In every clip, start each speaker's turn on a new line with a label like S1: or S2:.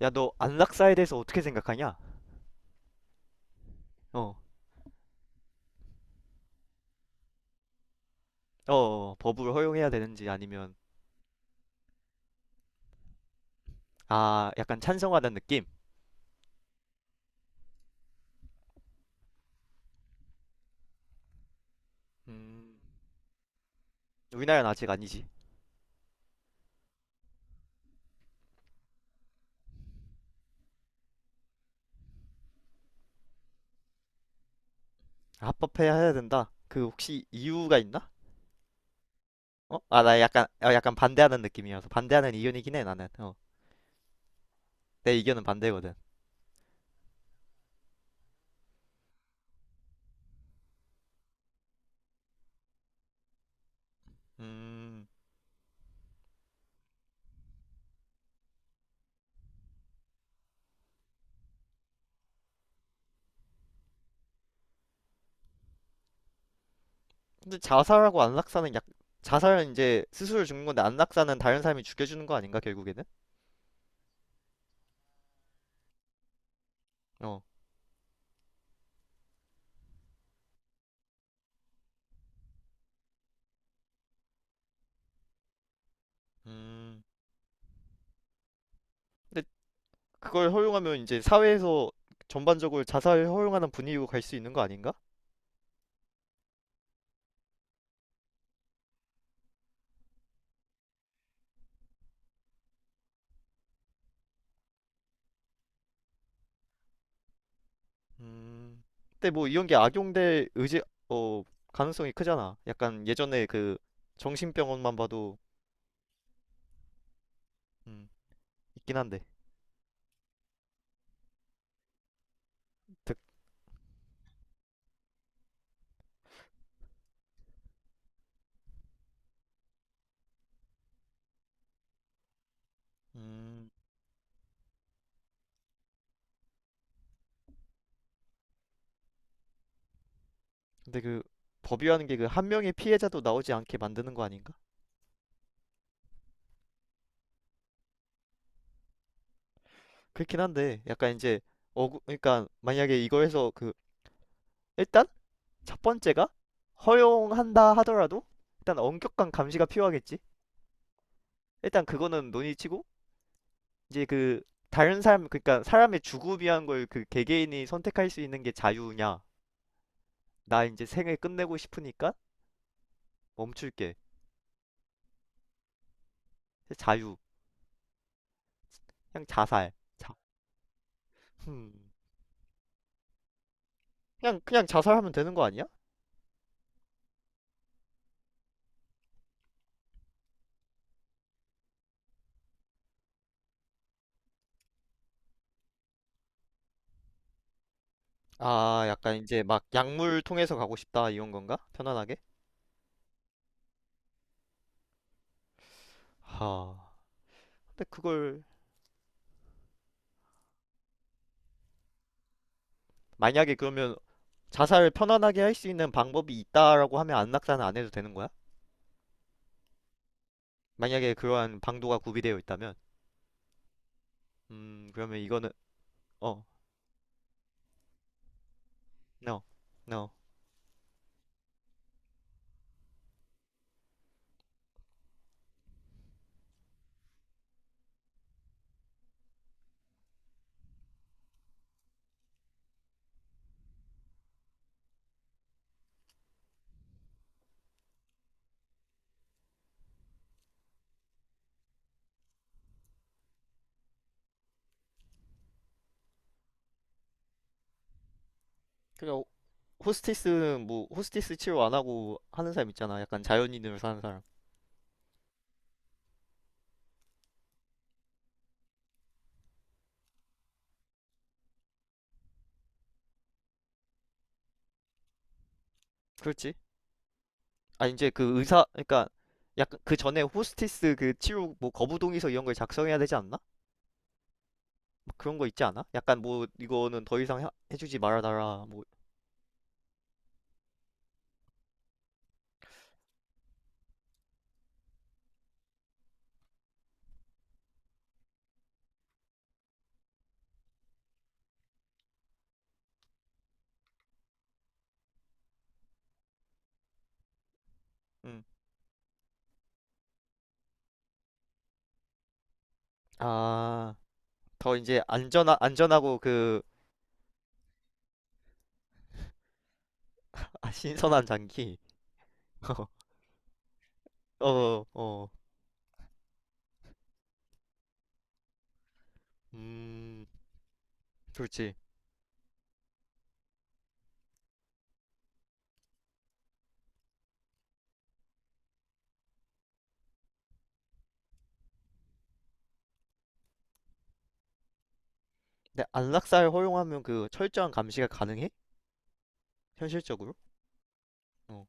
S1: 야, 너 안락사에 대해서 어떻게 생각하냐? 어, 법을 허용해야 되는지 아니면 아, 약간 찬성하는 느낌? 음, 우리나라는 아직 아니지. 합법해야 해야 된다. 그 혹시 이유가 있나? 어? 아, 나 약간 약간 반대하는 느낌이어서 반대하는 의견이긴 해 나는. 어, 내 의견은 반대거든. 음, 근데 자살하고 안락사는 약 자살은 이제 스스로 죽는 건데 안락사는 다른 사람이 죽여주는 거 아닌가 결국에는? 어, 음, 근데 그걸 허용하면 이제 사회에서 전반적으로 자살을 허용하는 분위기로 갈 수 있는 거 아닌가? 음, 근데 뭐 이런 게 악용될 의지 어 가능성이 크잖아. 약간 예전에 그 정신병원만 봐도 음, 있긴 한데. 득- 음, 근데 그 법이라는 게 그 한 명의 피해자도 나오지 않게 만드는 거 아닌가? 그렇긴 한데 약간 이제 어 그러니까 만약에 이거 해서 그 일단 첫 번째가 허용한다 하더라도 일단 엄격한 감시가 필요하겠지. 일단 그거는 논의치고 이제 그 다른 사람 그러니까 사람의 죽음이란 걸 그 개개인이 선택할 수 있는 게 자유냐? 나 이제 생을 끝내고 싶으니까 멈출게. 자유. 그냥 자살. 자. 음. 그냥 자살하면 되는 거 아니야? 아, 약간 이제 막 약물 통해서 가고 싶다 이런 건가? 편안하게? 하. 근데 그걸 만약에 그러면 자살을 편안하게 할 수 있는 방법이 있다라고 하면 안락사는 안 해도 되는 거야? 만약에 그러한 방도가 구비되어 있다면, 그러면 이거는 어, no, no. 그래, 호스티스 뭐 호스티스 치료 안 하고 하는 사람 있잖아. 약간 자연인으로 사는 사람. 그렇지? 아 이제 그 의사 그러니까 약간 그 전에 호스티스 그 치료 뭐 거부동의서 이런 걸 작성해야 되지 않나? 막 그런 거 있지 않아? 약간 뭐 이거는 더 이상 해, 해주지 말아달라 뭐 음. 아, 더 이제 안전하 안전하고 그 아, 신선한 장기. 어, 어. 음. 그렇지. 근데 안락사를 허용하면 그 철저한 감시가 가능해? 현실적으로? 어.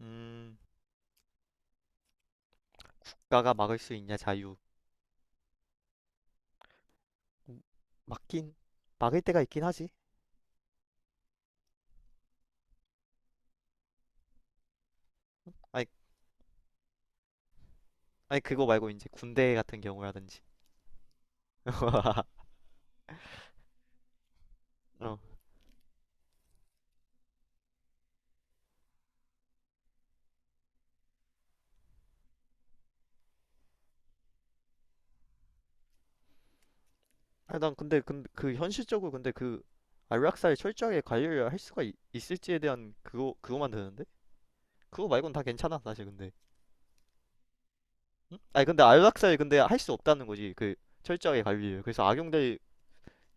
S1: 음. 국가가 막을 수 있냐 자유 음, 막긴 막을 때가 있긴 하지. 아니 아니 그거 말고 이제 군대 같은 경우라든지 어 아니, 난 근데 근데 그 현실적으로 근데 그 안락사를 철저하게 관리를 할 수가 있, 있을지에 대한 그거 그거만 되는데 그거 말고는 다 괜찮아 사실 근데 아니 근데 안락사를 근데 할 수 없다는 거지 그 철저하게 관리를 그래서 악용될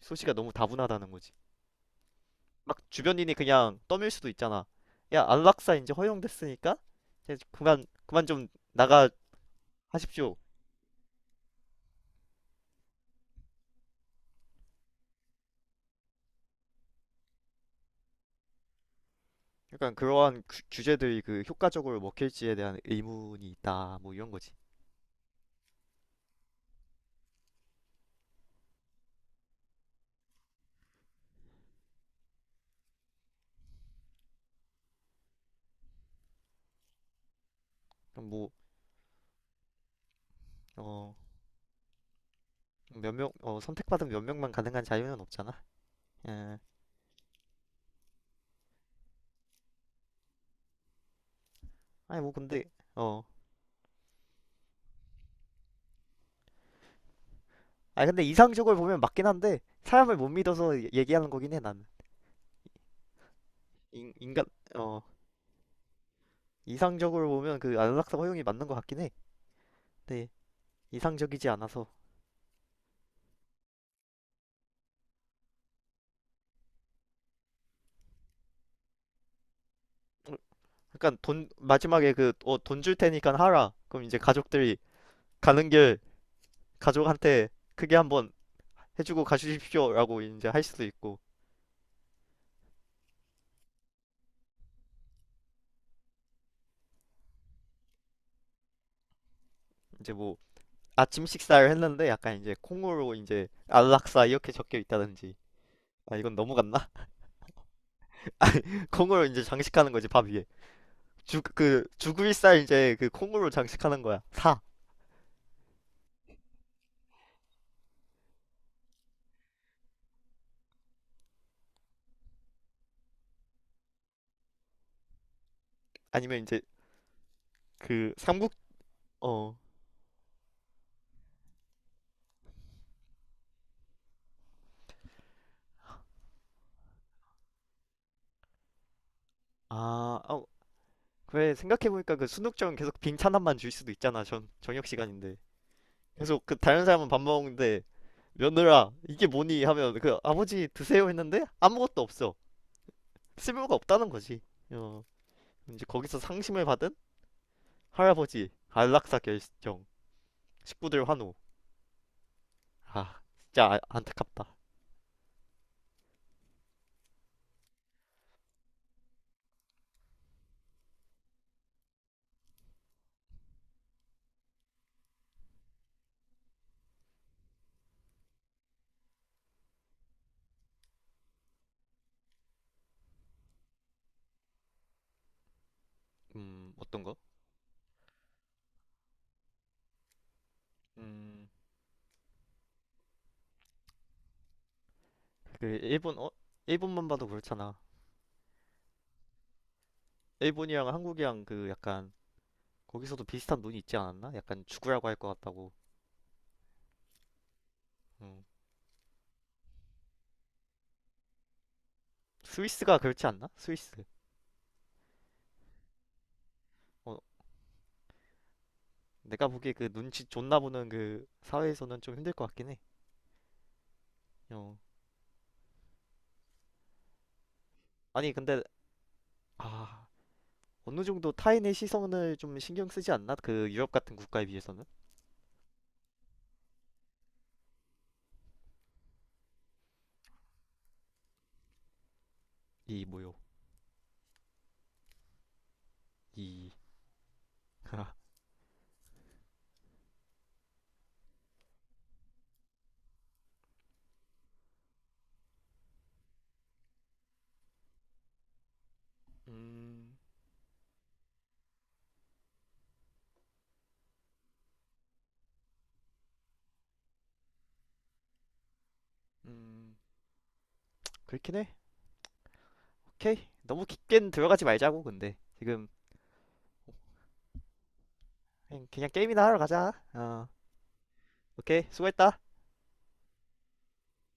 S1: 소지가 너무 다분하다는 거지 막 주변인이 그냥 떠밀 수도 있잖아. 야 안락사 이제 허용됐으니까 이제 그만 좀 나가 하십시오. 약간 그러한 규- 규제들이 그 효과적으로 먹힐지에 대한 의문이 있다. 뭐 이런 거지. 그럼 뭐, 어, 몇 명, 어, 선택받은 몇 명만 가능한 자유는 없잖아. 예. 아니 뭐 근데, 어. 아니 근데 이상적으로 보면 맞긴 한데 사람을 못 믿어서 얘- 얘기하는 거긴 해 나는. 인, 인간, 어, 이상적으로 보면 그 안락사 허용이 맞는 것 같긴 해. 네. 이상적이지 않아서. 어, 약간 돈, 마지막에 그, 어, 돈 줄 테니까 하라. 그럼 이제 가족들이 가는 길 가족한테 크게 한번 해주고 가주십시오라고 이제 할 수도 있고 이제 뭐 아침 식사를 했는데 약간 이제 콩으로 이제 안락사 이렇게 적혀 있다든지 아 이건 너무 갔나? 콩으로 이제 장식하는 거지 밥 위에 죽그구을살 이제 그 콩으로 장식하는 거야 사 아니면 이제 그 삼국 어아 어, 그래 생각해보니까 그 순국정은 계속 빈찬함만 줄 수도 있잖아 전 저녁 시간인데 계속 그 다른 사람은 밥 먹는데 며느라 이게 뭐니 하면 그 아버지 드세요 했는데 아무것도 없어 쓸모가 없다는 거지. 어, 이제 거기서 상심을 받은 할아버지 안락사 결정, 식구들 환호. 아, 진짜 아- 안타깝다. 어떤 거? 음, 그 일본 어, 일본만 봐도 그렇잖아. 일본이랑 한국이랑 그 약간 거기서도 비슷한 논이 있지 않았나? 약간 죽으라고 할 것 같다고. 음. 스위스가 그렇지 않나? 스위스. 어, 내가 보기에 그 눈치 존나 보는 그 사회에서는 좀 힘들 것 같긴 해. 어. 아니 근데 아 어느 정도 타인의 시선을 좀 신경 쓰지 않나? 그 유럽 같은 국가에 비해서는? 이 뭐요? 이 음, 음, 그렇긴 해. 오케이. 너무 깊게는 들어가지 말자고, 근데. 지금, 그냥, 그냥 게임이나 하러 가자. 어, 오케이. 수고했다.